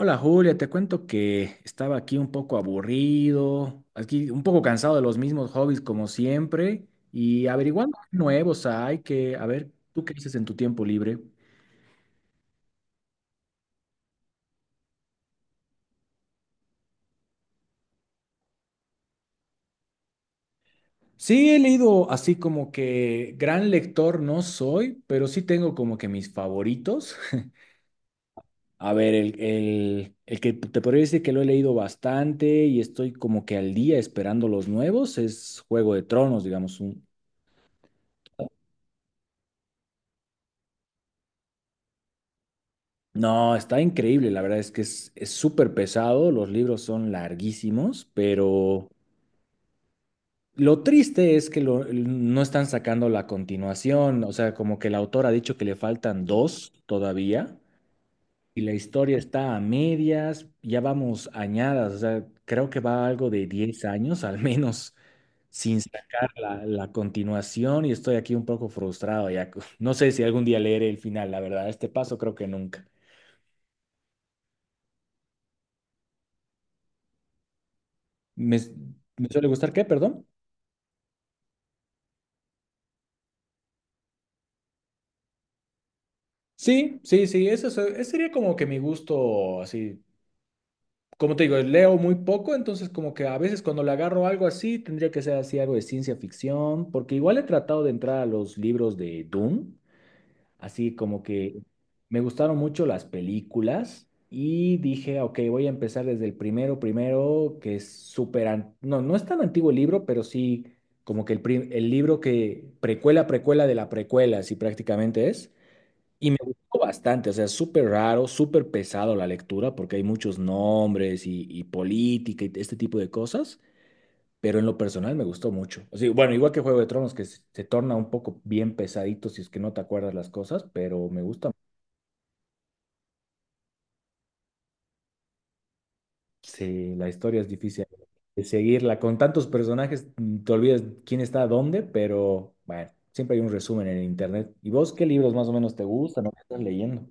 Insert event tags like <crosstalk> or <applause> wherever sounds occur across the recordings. Hola Julia, te cuento que estaba aquí un poco aburrido, aquí un poco cansado de los mismos hobbies como siempre y averiguando qué nuevos hay que, a ver, ¿tú qué dices en tu tiempo libre? Sí, he leído así como que gran lector no soy, pero sí tengo como que mis favoritos. <laughs> A ver, el que te podría decir que lo he leído bastante y estoy como que al día esperando los nuevos es Juego de Tronos, digamos, un. No, está increíble, la verdad es que es súper pesado, los libros son larguísimos, pero lo triste es que no están sacando la continuación, o sea, como que el autor ha dicho que le faltan dos todavía y la historia está a medias, ya vamos añadas, o sea, creo que va algo de 10 años al menos sin sacar la continuación y estoy aquí un poco frustrado ya, <laughs> no sé si algún día leeré el final, la verdad, a este paso creo que nunca. ¿Me, me suele gustar qué, perdón? Sí, sí, sí, eso, ese sería como que mi gusto, así, como te digo, leo muy poco, entonces como que a veces cuando le agarro algo así, tendría que ser así algo de ciencia ficción, porque igual he tratado de entrar a los libros de Dune, así como que me gustaron mucho las películas y dije, ok, voy a empezar desde el primero, que es súper, no, es tan antiguo el libro, pero sí como que el libro que precuela de la precuela, así prácticamente es. Y me gustó bastante, o sea, súper raro, súper pesado la lectura porque hay muchos nombres y política y este tipo de cosas, pero en lo personal me gustó mucho. O sea, bueno, igual que Juego de Tronos, que se torna un poco bien pesadito si es que no te acuerdas las cosas, pero me gusta. Sí, la historia es difícil de seguirla. Con tantos personajes te olvidas quién está dónde, pero bueno, siempre hay un resumen en internet. ¿Y vos qué libros más o menos te gustan o qué estás leyendo?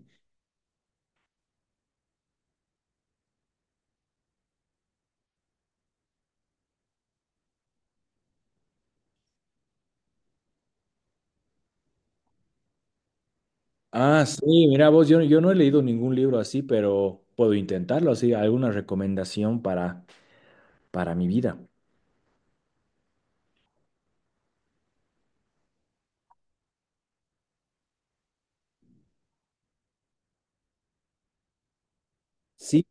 Ah, sí, mira vos, yo no he leído ningún libro así, pero puedo intentarlo así, alguna recomendación para mi vida. Sí,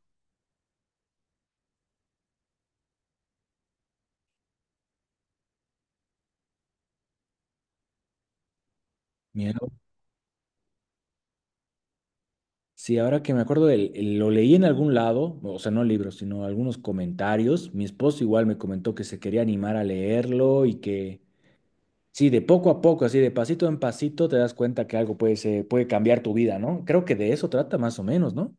mira, sí, ahora que me acuerdo, lo leí en algún lado, o sea, no libros, sino algunos comentarios. Mi esposo igual me comentó que se quería animar a leerlo y que, sí, de poco a poco, así de pasito en pasito, te das cuenta que algo puede, puede cambiar tu vida, ¿no? Creo que de eso trata más o menos, ¿no?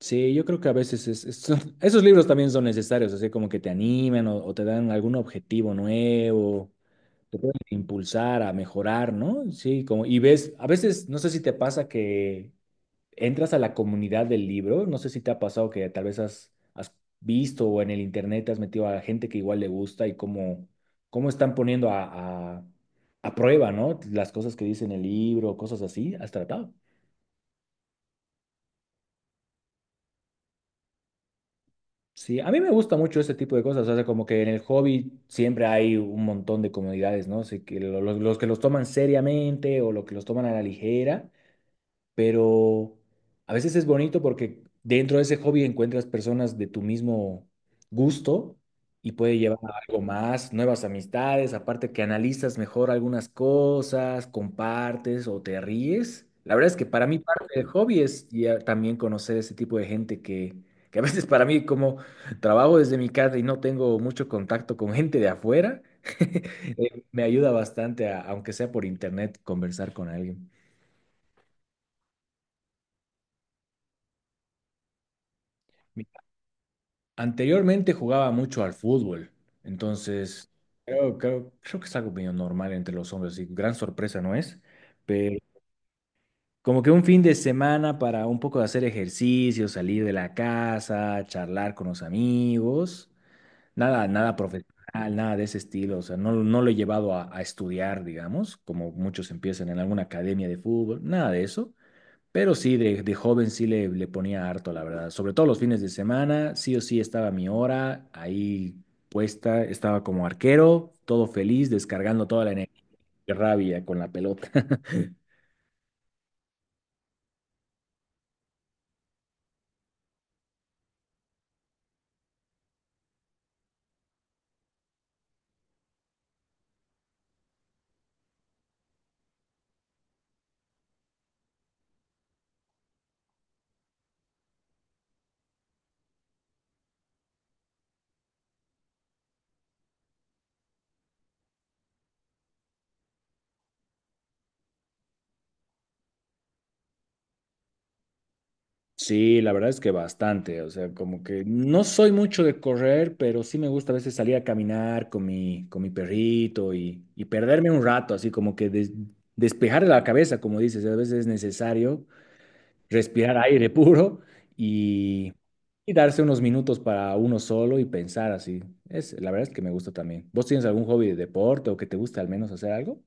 Sí, yo creo que a veces <laughs> esos libros también son necesarios, así como que te animan o te dan algún objetivo nuevo, te pueden impulsar a mejorar, ¿no? Sí, como, y ves, a veces, no sé si te pasa que entras a la comunidad del libro, no sé si te ha pasado que tal vez has visto o en el internet te has metido a gente que igual le gusta y cómo están poniendo a prueba, ¿no? Las cosas que dice en el libro, cosas así, ¿has tratado? Sí, a mí me gusta mucho este tipo de cosas, o sea, como que en el hobby siempre hay un montón de comodidades, ¿no? Sé que los que los toman seriamente o los que los toman a la ligera, pero a veces es bonito porque dentro de ese hobby encuentras personas de tu mismo gusto y puede llevar a algo más, nuevas amistades, aparte que analizas mejor algunas cosas, compartes o te ríes. La verdad es que para mí parte del hobby es ya también conocer ese tipo de gente que a veces para mí como trabajo desde mi casa y no tengo mucho contacto con gente de afuera, <laughs> me ayuda bastante, aunque sea por internet, conversar con alguien. Anteriormente jugaba mucho al fútbol, entonces creo que es algo medio normal entre los hombres, y gran sorpresa no es, pero como que un fin de semana para un poco de hacer ejercicio, salir de la casa, charlar con los amigos, nada, nada profesional, nada de ese estilo, o sea, no lo he llevado a estudiar, digamos, como muchos empiezan en alguna academia de fútbol, nada de eso, pero sí, de joven sí le ponía harto, la verdad. Sobre todo los fines de semana, sí o sí estaba mi hora ahí puesta, estaba como arquero, todo feliz, descargando toda la energía y rabia con la pelota. <laughs> Sí, la verdad es que bastante, o sea, como que no soy mucho de correr, pero sí me gusta a veces salir a caminar con mi perrito y perderme un rato, así como que despejar la cabeza, como dices, a veces es necesario respirar aire <laughs> puro y, y darse unos minutos para uno solo y pensar así. La verdad es que me gusta también. ¿Vos tienes algún hobby de deporte o que te guste al menos hacer algo?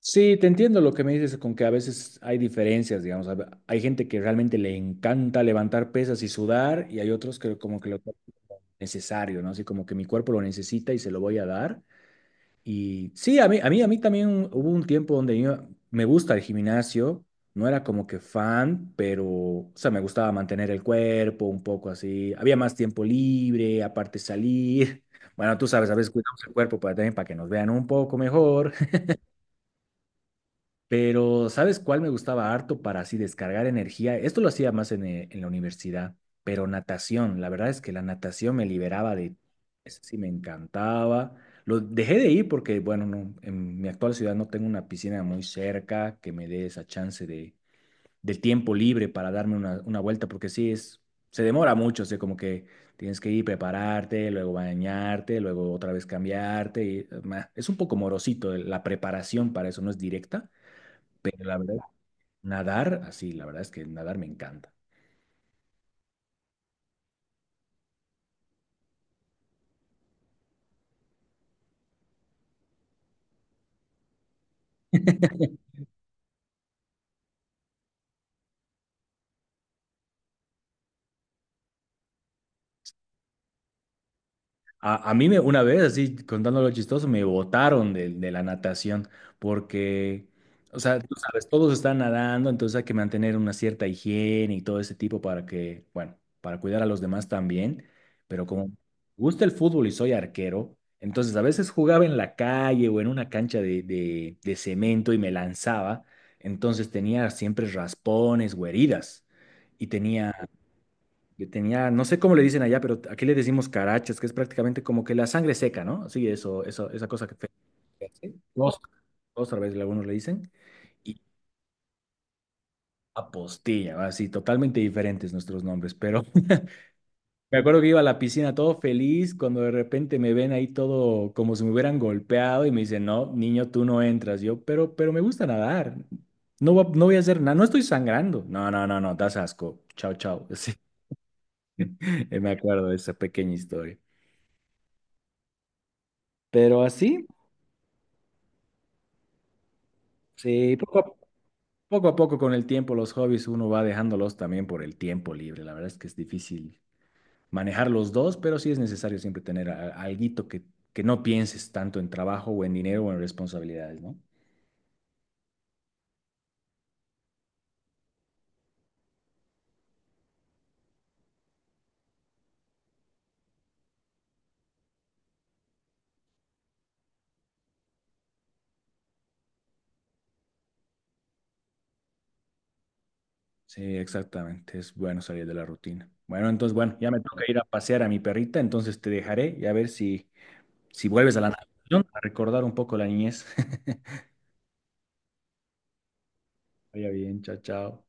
Sí, te entiendo lo que me dices con que a veces hay diferencias, digamos. Hay gente que realmente le encanta levantar pesas y sudar y hay otros que como que lo necesario, ¿no? Así como que mi cuerpo lo necesita y se lo voy a dar. Y sí, a mí también hubo un tiempo donde me gusta el gimnasio, no era como que fan, pero, o sea, me gustaba mantener el cuerpo un poco así, había más tiempo libre, aparte salir, <laughs> bueno, tú sabes, a veces cuidamos el cuerpo para, también para que nos vean un poco mejor, pero, ¿sabes cuál me gustaba harto para así descargar energía? Esto lo hacía más en la universidad, pero natación. La verdad es que la natación me liberaba de... Eso sí me encantaba. Lo dejé de ir porque, bueno, no, en mi actual ciudad no tengo una piscina muy cerca que me dé esa chance de, del tiempo libre para darme una vuelta, porque sí, se demora mucho, o sea, como que tienes que ir, prepararte, luego bañarte, luego otra vez cambiarte. Es un poco morosito, la preparación para eso no es directa, pero la verdad, nadar, así, la verdad es que nadar me encanta. A mí me, una vez, así, contándolo chistoso, me botaron de la natación porque, o sea, tú sabes, todos están nadando, entonces hay que mantener una cierta higiene y todo ese tipo para que, bueno, para cuidar a los demás también. Pero como me gusta el fútbol y soy arquero, entonces a veces jugaba en la calle o en una cancha de cemento y me lanzaba, entonces tenía siempre raspones o heridas. Y tenía Yo tenía, no sé cómo le dicen allá, pero aquí le decimos carachas, que es prácticamente como que la sangre seca, ¿no? Sí, eso, esa cosa que te hace. Costra, otra vez algunos le dicen. Y apostilla, así, totalmente diferentes nuestros nombres. Pero <laughs> me acuerdo que iba a la piscina todo feliz cuando de repente me ven ahí todo como si me hubieran golpeado y me dicen, no, niño, tú no entras. Yo, pero, me gusta nadar. No, no voy a hacer nada, no estoy sangrando. No, no, no, no, das asco. Chao, chao. <laughs> Sí, me acuerdo de esa pequeña historia. Pero así. Sí, poco a poco con el tiempo los hobbies uno va dejándolos también por el tiempo libre. La verdad es que es difícil manejar los dos, pero sí es necesario siempre tener alguito que no pienses tanto en trabajo o en dinero o en responsabilidades, ¿no? Sí, exactamente. Es bueno salir de la rutina. Bueno, entonces, bueno, ya me toca ir a pasear a mi perrita, entonces te dejaré y a ver si, si vuelves a la natación a recordar un poco la niñez. <laughs> Vaya bien, chao, chao.